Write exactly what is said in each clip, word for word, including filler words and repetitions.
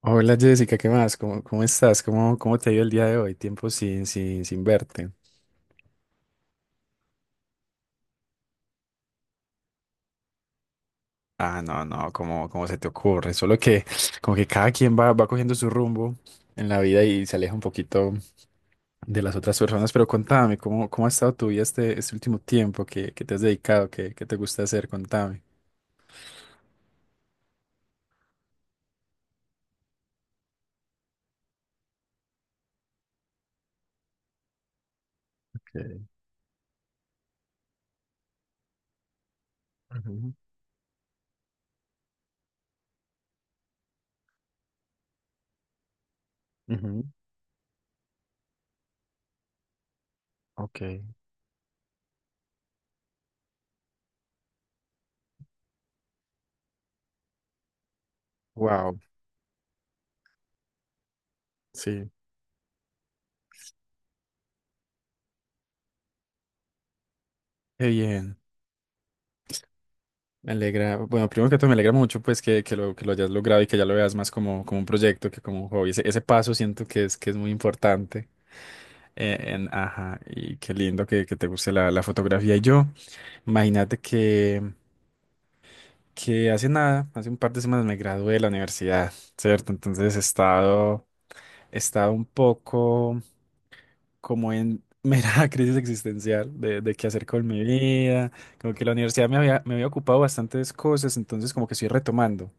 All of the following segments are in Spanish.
Hola Jessica, ¿qué más? ¿Cómo, cómo estás? ¿Cómo, cómo te ha ido el día de hoy? Tiempo sin, sin, sin verte. Ah, no, no, ¿cómo, cómo se te ocurre? Solo que como que cada quien va, va cogiendo su rumbo en la vida y se aleja un poquito de las otras personas. Pero contame, ¿cómo, cómo ha estado tu vida este, este último tiempo? ¿Qué, qué te has dedicado? ¿Qué, qué te gusta hacer? Contame. Okay. Ujú, ujú, ok. Wow, sí, qué bien. Me alegra, bueno, primero que todo me alegra mucho pues que, que lo, que lo hayas logrado y que ya lo veas más como, como un proyecto que como un hobby. Ese, ese paso siento que es, que es muy importante. eh, en- ajá, y qué lindo que, que te guste la, la fotografía. Y yo, imagínate que, que hace nada, hace un par de semanas me gradué de la universidad, ¿cierto? Entonces he estado, he estado un poco como en mera crisis existencial de, de qué hacer con mi vida. Como que la universidad me había, me había ocupado bastantes cosas, entonces como que estoy retomando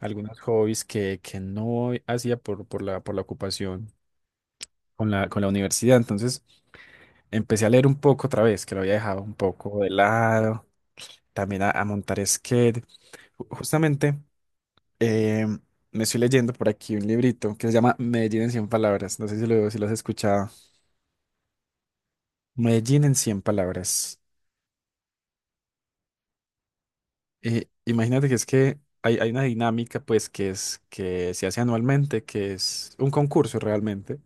algunos hobbies que, que no hacía por, por la, por la ocupación con la, con la universidad. Entonces empecé a leer un poco otra vez, que lo había dejado un poco de lado, también a, a montar skate. Ju- Justamente eh, me estoy leyendo por aquí un librito que se llama Medellín en cien palabras. No sé si lo, si lo has escuchado. Medellín en cien palabras. Eh, imagínate que es que hay, hay una dinámica pues que es que se hace anualmente, que es un concurso realmente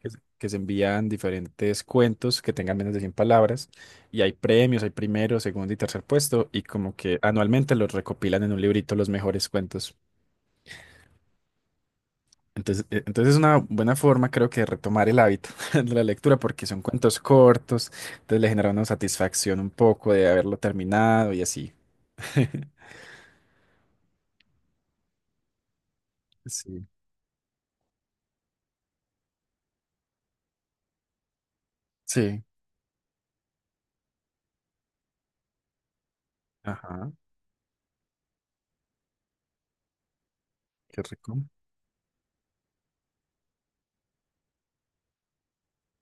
que se que se envían diferentes cuentos que tengan menos de cien palabras y hay premios, hay primero, segundo y tercer puesto y como que anualmente los recopilan en un librito los mejores cuentos. Entonces, eh, entonces es una buena forma creo que de retomar el hábito de la lectura porque son cuentos cortos, entonces le genera una satisfacción un poco de haberlo terminado y así. Sí. Sí, ajá, qué rico.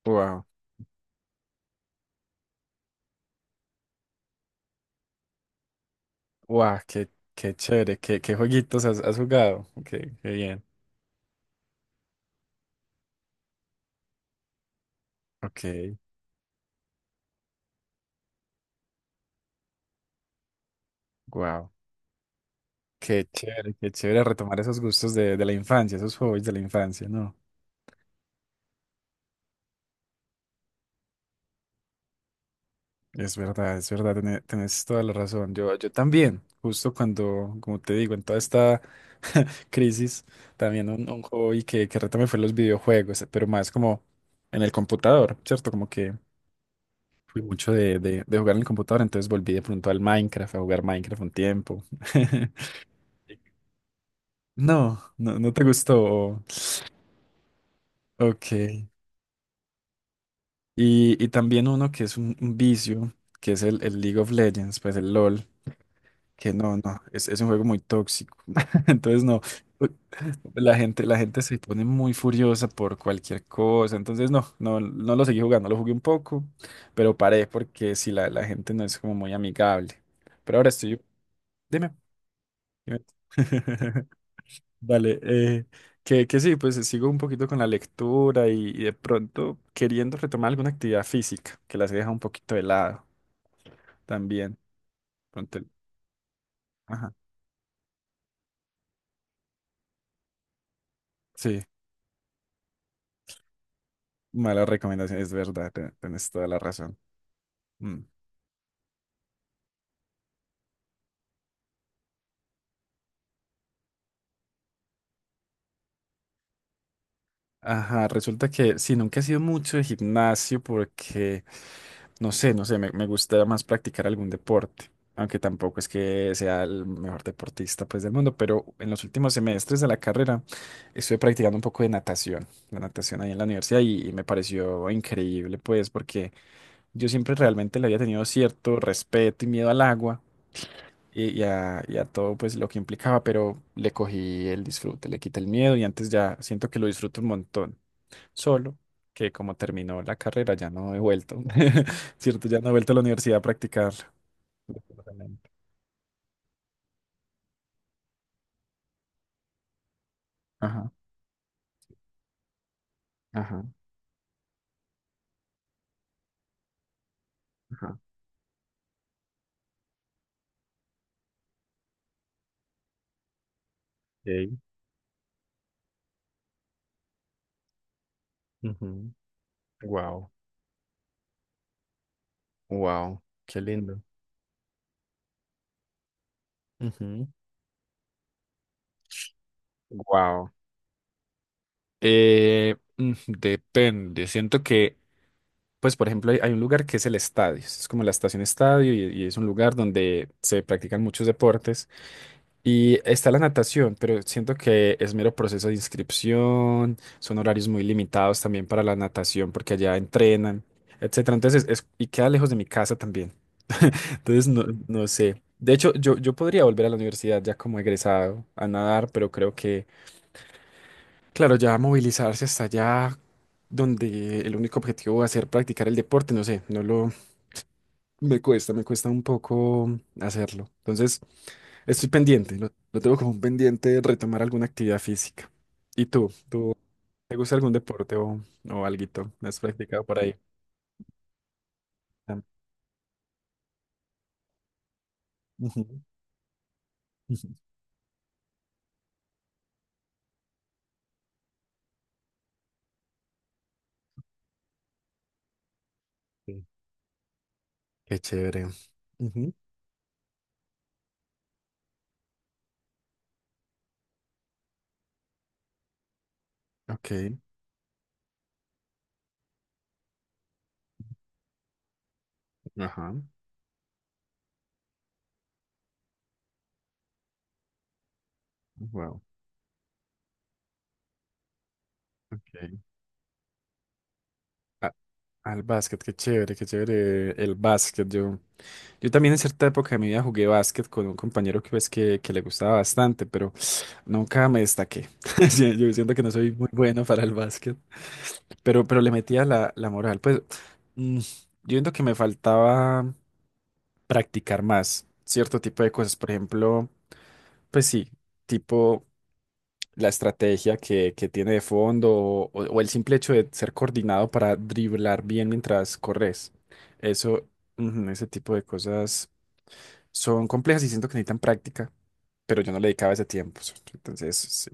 Wow, wow, qué, qué chévere, qué, qué jueguitos has, has jugado. Ok, qué bien. Ok, wow. Qué chévere, qué chévere retomar esos gustos de, de la infancia, esos hobbies de la infancia, ¿no? Es verdad, es verdad, tené- tenés toda la razón. Yo, yo también, justo cuando, como te digo, en toda esta crisis, también un, un hobby que, que retomé fue los videojuegos, pero más como en el computador, ¿cierto? Como que fui mucho de, de, de jugar en el computador, entonces volví de pronto al Minecraft, a jugar Minecraft un tiempo. No, no, no te gustó. Ok. Y, y también uno que es un, un vicio, que es el, el League of Legends, pues el LOL, que no, no, es, es un juego muy tóxico. Entonces no, la gente, la gente se pone muy furiosa por cualquier cosa. Entonces no, no, no lo seguí jugando, lo jugué un poco, pero paré porque si la, la gente no es como muy amigable. Pero ahora estoy, dime, dime. Vale, eh, que, que sí, pues sigo un poquito con la lectura y, y de pronto queriendo retomar alguna actividad física, que las he dejado un poquito de lado también. Pronto el- Ajá, sí, mala recomendación, es verdad, te- tienes toda la razón. Mm. Ajá, resulta que sí, nunca he sido mucho de gimnasio porque no sé, no sé, me, me gusta más practicar algún deporte, aunque tampoco es que sea el mejor deportista pues del mundo, pero en los últimos semestres de la carrera estuve practicando un poco de natación, la natación ahí en la universidad y, y me pareció increíble pues porque yo siempre realmente le había tenido cierto respeto y miedo al agua y, y a, y a todo pues lo que implicaba, pero le cogí el disfrute, le quité el miedo y antes ya siento que lo disfruto un montón. Solo que como terminó la carrera ya no he vuelto, ¿cierto? Ya no he vuelto a la universidad a practicar. Desafortunadamente. Ajá, ajá, ajá. Okay. Wow, wow, qué lindo. Ujú, wow. Eh, mm, depende. Siento que Pues, por ejemplo, hay, hay un lugar que es el estadio. Es como la estación estadio y, y es un lugar donde se practican muchos deportes. Y está la natación, pero siento que es mero proceso de inscripción. Son horarios muy limitados también para la natación porque allá entrenan, etcétera. Entonces, es, es- y queda lejos de mi casa también. Entonces, no, no sé. De hecho, yo, yo podría volver a la universidad ya como egresado a nadar, pero creo que, claro, ya movilizarse hasta allá donde el único objetivo va a ser practicar el deporte, no sé, no lo... Me cuesta, me cuesta un poco hacerlo. Entonces, estoy pendiente, lo, lo tengo como un pendiente de retomar alguna actividad física. ¿Y tú? ¿Tú te gusta algún deporte o, o alguito? ¿Has practicado por ahí? Tam- Ujú, ujú, sí. Qué chévere. Ujú, ok. Ajá. Wow. Ok. A- Al básquet, qué chévere, qué chévere el básquet. Yo Yo también en cierta época de mi vida jugué básquet con un compañero que, pues, que, que le gustaba bastante, pero nunca me destaqué. Sí, yo siento que no soy muy bueno para el básquet, pero, pero le metía la, la moral. Pues, mm, yo siento que me faltaba practicar más cierto tipo de cosas. Por ejemplo, pues sí, tipo la estrategia que, que tiene de fondo o, o el simple hecho de ser coordinado para driblar bien mientras corres. Eso, ujú, ese tipo de cosas son complejas y siento que necesitan práctica, pero yo no le dedicaba ese tiempo. so- Entonces, sí.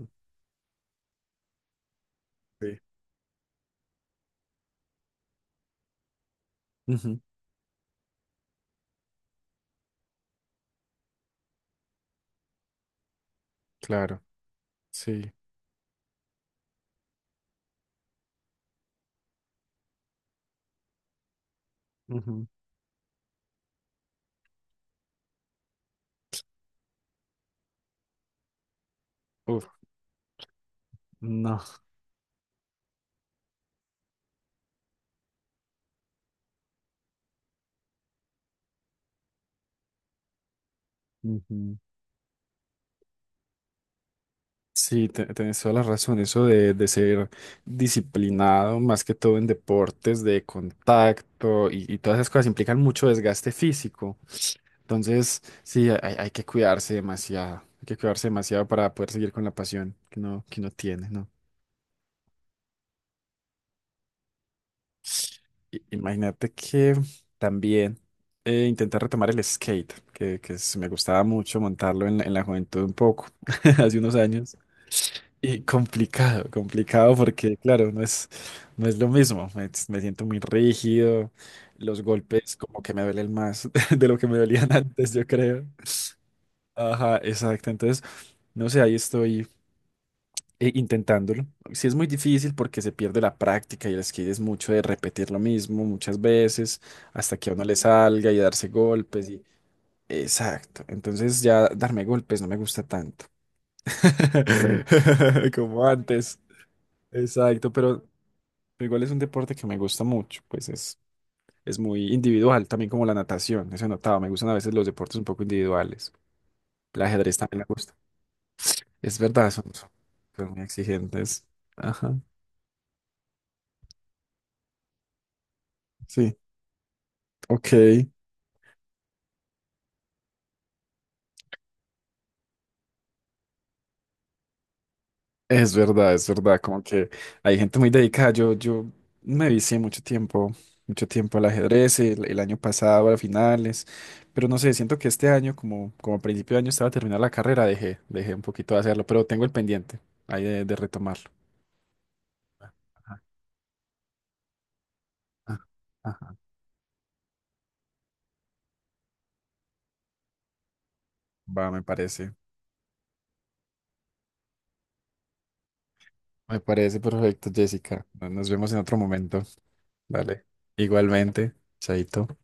Sí. Ujú, claro, sí. Ujú. Uf, no. Ujú. Sí, te- tenés toda la razón. Eso de, de ser disciplinado, más que todo en deportes de contacto y, y todas esas cosas implican mucho desgaste físico. Entonces, sí, hay, hay que cuidarse demasiado, hay que cuidarse demasiado para poder seguir con la pasión que uno, que uno tiene, ¿no? I- imagínate que también eh, intenté retomar el skate, que, que es- me gustaba mucho montarlo en, la- en la juventud un poco, hace unos años. Y complicado, complicado porque, claro, no es, no es lo mismo, me, me siento muy rígido, los golpes como que me duelen más de lo que me dolían antes, yo creo. Ajá, exacto, entonces... No sé, ahí estoy e- intentándolo. Sí es muy difícil porque se pierde la práctica y el skate es mucho de repetir lo mismo muchas veces hasta que a uno le salga y darse golpes y... Exacto. Entonces ya darme golpes no me gusta tanto. Como antes. Exacto, pero igual es un deporte que me gusta mucho, pues es, es muy individual, también como la natación, eso he notado, me gustan a veces los deportes un poco individuales, el ajedrez también me gusta, es verdad, son, son son muy exigentes, ajá, sí, ok. Es verdad, es verdad, como que hay gente muy dedicada. Yo, yo me vicié mucho tiempo, mucho tiempo al ajedrez, el, el año pasado, a finales, pero no sé, siento que este año, como, como a principio de año estaba terminando la carrera, dejé, dejé un poquito de hacerlo, pero tengo el pendiente ahí de, de retomarlo. Ajá, ajá, ajá. Va, me parece, me parece perfecto, Jessica. Nos vemos en otro momento. Vale. Igualmente, Chaito.